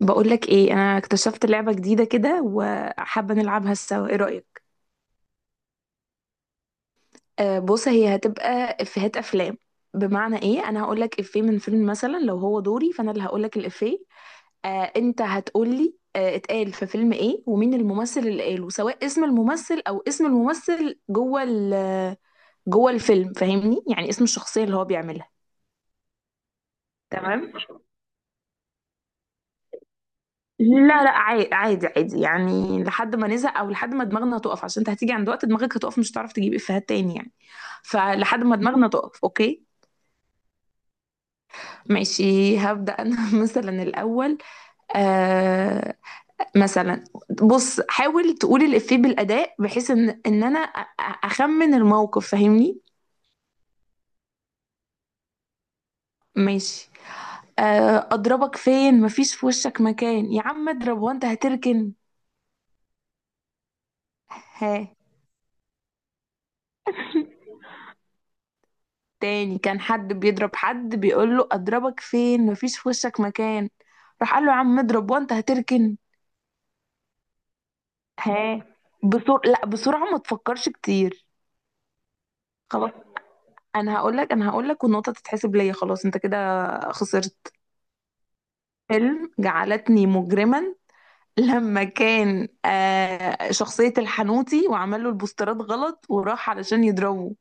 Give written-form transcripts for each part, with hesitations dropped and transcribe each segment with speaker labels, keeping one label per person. Speaker 1: بقولك ايه؟ انا اكتشفت لعبة جديدة كده وحابة نلعبها سوا، ايه رأيك؟ آه بص، هي هتبقى افيهات افلام. بمعنى ايه؟ انا هقولك افيه من فيلم مثلا، لو هو دوري فانا اللي هقولك الافيه. آه انت هتقولي اتقال في فيلم ايه، ومين الممثل اللي قاله، سواء اسم الممثل او اسم الممثل جوه جوه الفيلم، فاهمني؟ يعني اسم الشخصية اللي هو بيعملها. تمام. لا لا، عادي عادي عادي، يعني لحد ما نزهق او لحد ما دماغنا تقف، عشان انت هتيجي عند وقت دماغك هتقف مش هتعرف تجيب افيهات تاني يعني. فلحد ما دماغنا تقف، اوكي؟ ماشي، هبدأ انا مثلا الاول. آه مثلا بص، حاول تقول الافيه بالاداء بحيث ان انا اخمن الموقف، فاهمني؟ ماشي. آه اضربك فين؟ مفيش في وشك مكان. يا عم اضرب وانت هتركن. ها؟ تاني، كان حد بيضرب حد بيقول له اضربك فين؟ مفيش في وشك مكان. راح قال له يا عم اضرب وانت هتركن. ها؟ بسرعة، لا بسرعة ما تفكرش كتير. خلاص انا هقول لك والنقطة تتحسب ليا، خلاص انت كده خسرت. فيلم جعلتني مجرما، لما كان شخصية الحنوتي وعمل له البوسترات غلط وراح علشان يضربه.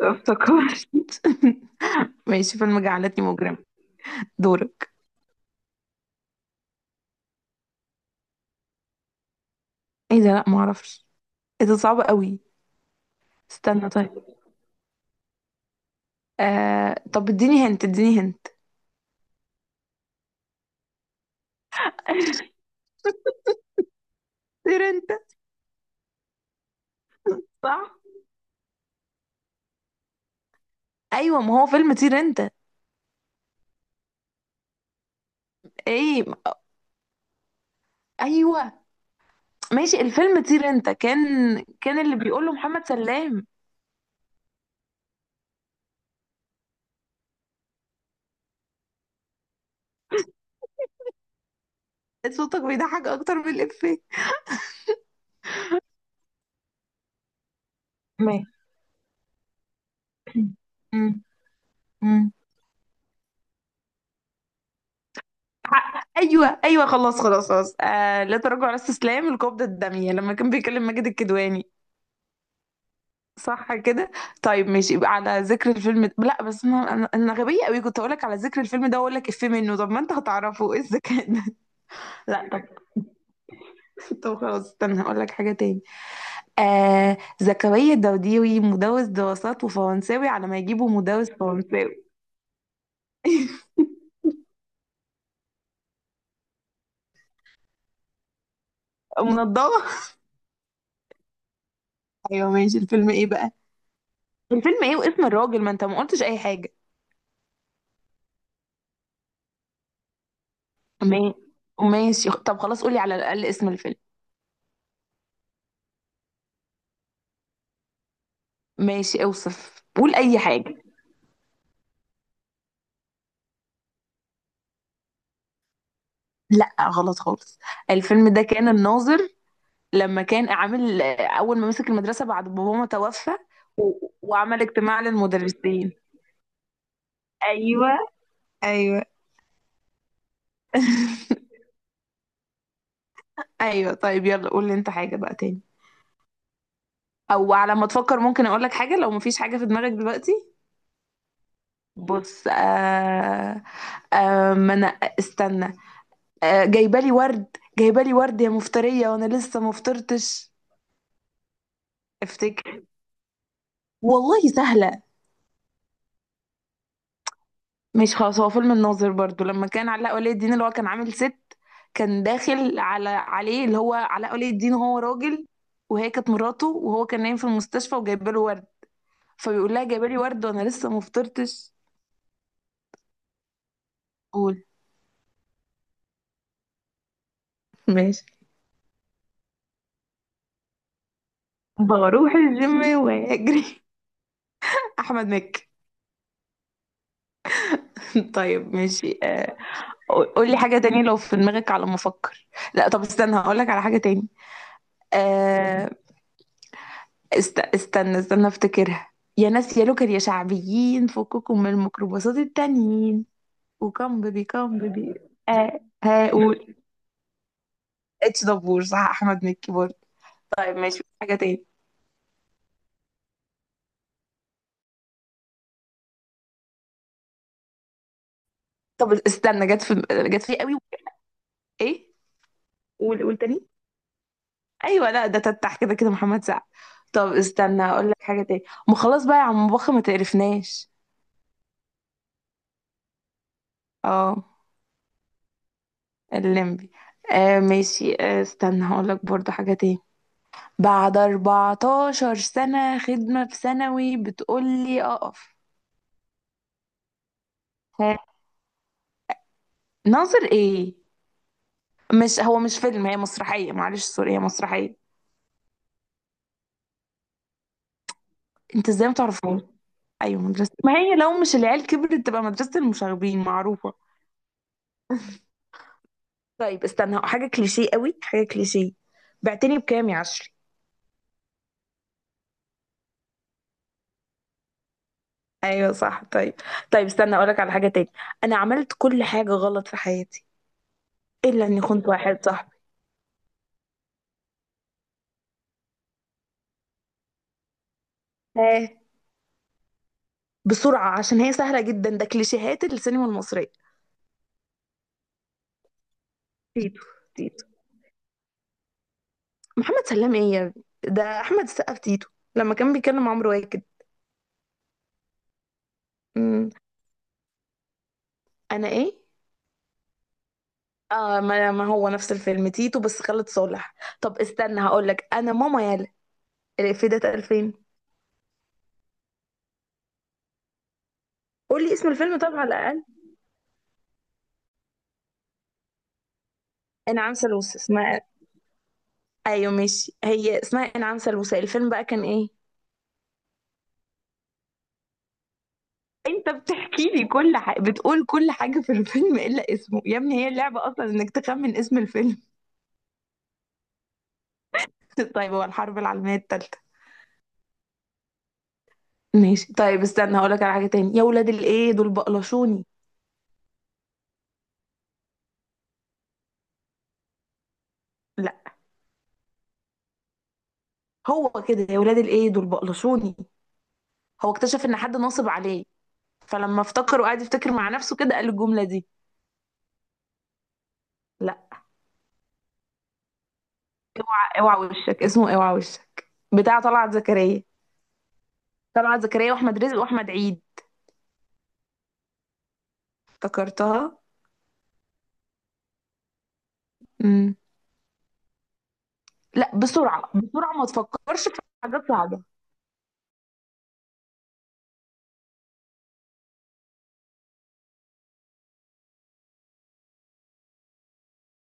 Speaker 1: افتكرت ماشي، فيلم جعلتني مجرما. دورك. ايه ده؟ لا ما اعرفش. ايه ده صعب قوي. استنى طيب. طب اديني هنت، اديني هنت. طير انت. صح، ايوه ما هو فيلم طير انت. ايه؟ ايوه. ماشي، الفيلم طير انت، كان كان اللي بيقوله محمد سلام. صوتك بيضحك اكتر من الافيه. ماشي أمم، أمم. حق. ايوه ايوه خلاص خلاص خلاص، آه لا تراجع ولا استسلام، القبضه الداميه، لما كان بيكلم ماجد الكدواني. صح كده؟ طيب ماشي، يبقى على ذكر الفيلم ده. لا بس انا غبيه قوي، كنت اقول لك على ذكر الفيلم ده واقول لك افيه منه، طب ما انت هتعرفه، ايه الذكاء ده؟ لا طب. طب خلاص استنى هقول لك حاجه تاني. آه زكريا الدوديوي، مدرس دراسات وفرنساوي على ما يجيبوا مدرس فرنساوي. منضبه. ايوه ماشي. الفيلم ايه بقى؟ الفيلم ايه واسم الراجل، ما انت ما قلتش اي حاجه. ما- ماشي، طب خلاص قولي على الاقل اسم الفيلم. ماشي، اوصف، قول اي حاجه. لا غلط خالص. الفيلم ده كان الناظر، لما كان عامل اول ما مسك المدرسه بعد بابا ما توفى وعمل اجتماع للمدرسين. ايوه ايوه ايوه طيب يلا، قول لي انت حاجه بقى تاني. او على ما تفكر ممكن اقول لك حاجه لو مفيش حاجه في دماغك دلوقتي. بص آه. آه ما انا، استنى. آه جايبه لي ورد. جايبه لي ورد يا مفتريه وانا لسه ما فطرتش. افتكر. والله سهله. ماشي خلاص، هو فيلم الناظر برضو، لما كان علاء ولي الدين اللي هو كان عامل ست، كان داخل على عليه اللي هو علاء ولي الدين هو راجل، وهي كانت مراته وهو كان نايم في المستشفى وجايبه له ورد، فبيقول لها جايبه لي ورد وانا لسه ما فطرتش. قول. ماشي. بروح الجيم واجري احمد مكي. طيب ماشي قول لي حاجه تانية لو في دماغك، على ما افكر. لا طب استنى هقول لك على حاجه تاني. آه، استنى افتكرها. يا ناس يا لوكر يا شعبيين، فككم من الميكروباصات التانيين، وكم بيبي كم بيبي. آه ها قول. اتش دبور، صح، احمد مكي برضه. طيب ماشي حاجه تاني. طب استنى، جت في جت في قوي. ايه؟ قول قول تاني. ايوه، لا ده تتح كده، كده محمد سعد. طب استنى اقول لك حاجه تاني. ما خلاص بقى يا عم بخ، ما تقرفناش. اه الليمبي. آه ماشي، آه استنى هقول لك برضه حاجه تاني. بعد 14 سنة خدمة في ثانوي بتقولي أقف. ها؟ ناظر إيه؟ مش هو مش فيلم، هي مسرحية، معلش سوري، هي مسرحية. أنت إزاي متعرفهاش؟ أيوة مدرسة، ما هي لو مش العيال كبرت تبقى مدرسة المشاغبين معروفة. طيب استنى، حاجة كليشيه قوي، حاجة كليشيه. بعتني بكام يا عشري؟ أيوة صح. طيب طيب استنى أقولك على حاجة تاني. أنا عملت كل حاجة غلط في حياتي إلا إني خنت واحد صاحبي. ها؟ بسرعة عشان هي سهلة جدا، ده كليشيهات السينما المصرية. تيتو تيتو. محمد سلام ايه يا ابني؟ ده احمد السقا في تيتو لما كان بيكلم عمرو واكد. أمم، انا ايه؟ اه ما هو نفس الفيلم تيتو بس خالد صالح. طب استنى هقول لك انا ماما يالا، الإفيه ده اتقال فين؟ قول لي اسم الفيلم طبعا على الاقل. انعام سالوسة اسمها. ايوه ماشي، هي اسمها انعام سالوسة، الفيلم بقى كان ايه؟ انت بتحكي لي كل حاجه، بتقول كل حاجه في الفيلم الا اسمه، يا ابني هي اللعبه اصلا انك تخمن اسم الفيلم. طيب هو الحرب العالميه الثالثه. ماشي طيب استنى هقولك على حاجة تاني. يا ولاد الايه دول بقلشوني. لا، هو كده يا ولاد الايه دول بقلشوني، هو اكتشف ان حد ناصب عليه، فلما افتكر وقعد يفتكر مع نفسه كده قال الجملة دي. لا اوعى اوعى وشك، اسمه اوعى وشك، بتاع طلعت زكريا. طلعت زكريا واحمد رزق واحمد عيد. افتكرتها. امم. لا بسرعة بسرعة ما تفكرش في حاجات صعبة.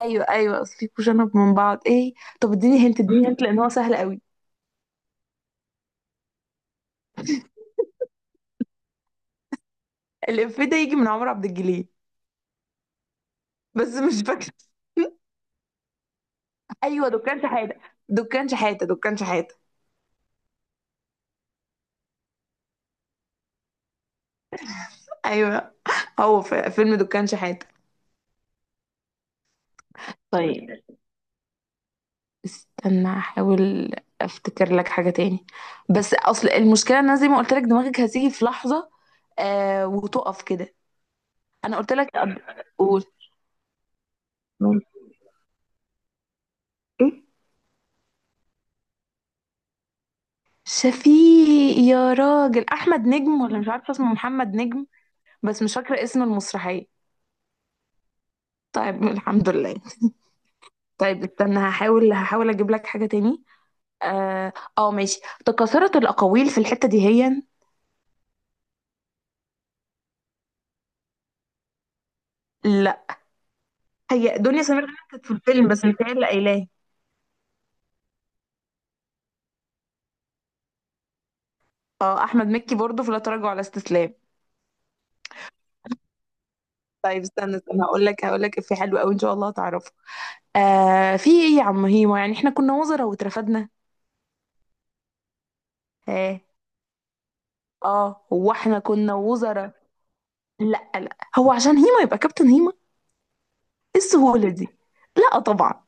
Speaker 1: ايوه ايوه اصل في كوشنة من بعض ايه. طب اديني هنت اديني هنت لان هو سهل قوي. الإفيه ده يجي من عمرو عبد الجليل بس مش فاكرة. ايوه دكان شحاته، دكان شحاته، دكان شحاته. ايوه هو في فيلم دكان شحاته. طيب استنى احاول افتكر لك حاجه تاني، بس اصل المشكله ان انا زي ما قلت لك دماغك هتيجي في لحظه آه وتقف كده. انا قلت لك قبل- قول. مين؟ ايه؟ شفيق يا راجل، احمد نجم، ولا مش عارفه اسمه محمد نجم. بس مش فاكره اسم المسرحيه. طيب الحمد لله. طيب استنى، هحاول اجيب لك حاجه تاني. اه. آه، ماشي. تكاثرت الاقاويل في الحته دي هي. لا، هي دنيا سمير غانم كانت في الفيلم بس مش هي اللي قايلاه. اه احمد مكي برضه في لا تراجع ولا استسلام. طيب استنى هقول لك في حلو قوي ان شاء الله هتعرفه. آه في ايه يا عم هيما، يعني احنا كنا وزراء واترفدنا. ها؟ اه هو احنا كنا وزراء. لا لا، هو عشان هيما يبقى كابتن هيما؟ ايه السهوله دي. لا طبعا.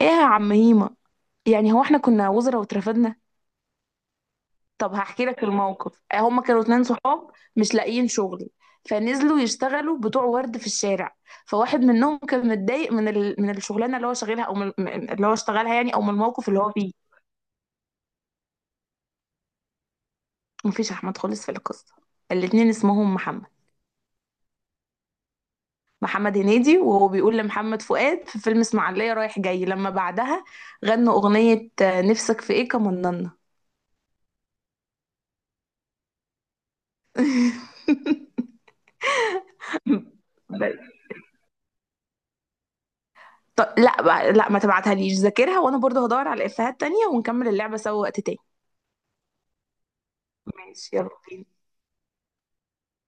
Speaker 1: ايه يا عم هيما، يعني هو احنا كنا وزراء واترفدنا. طب هحكي لك الموقف. هما كانوا اتنين صحاب مش لاقيين شغل، فنزلوا يشتغلوا بتوع ورد في الشارع، فواحد منهم كان متضايق من من الشغلانه اللي هو شغالها او اللي هو اشتغلها يعني، او من الموقف اللي هو فيه. مفيش احمد خالص في القصه، الاتنين اسمهم محمد. محمد هنيدي، وهو بيقول لمحمد فؤاد في فيلم اسماعيليه رايح جاي لما بعدها غنوا اغنيه نفسك في ايه كمننا. طب لا ما تبعتها، ليش ذاكرها وانا برضه هدور على افيهات تانية ونكمل اللعبه سوا وقت تاني. ماشي يلا بينا.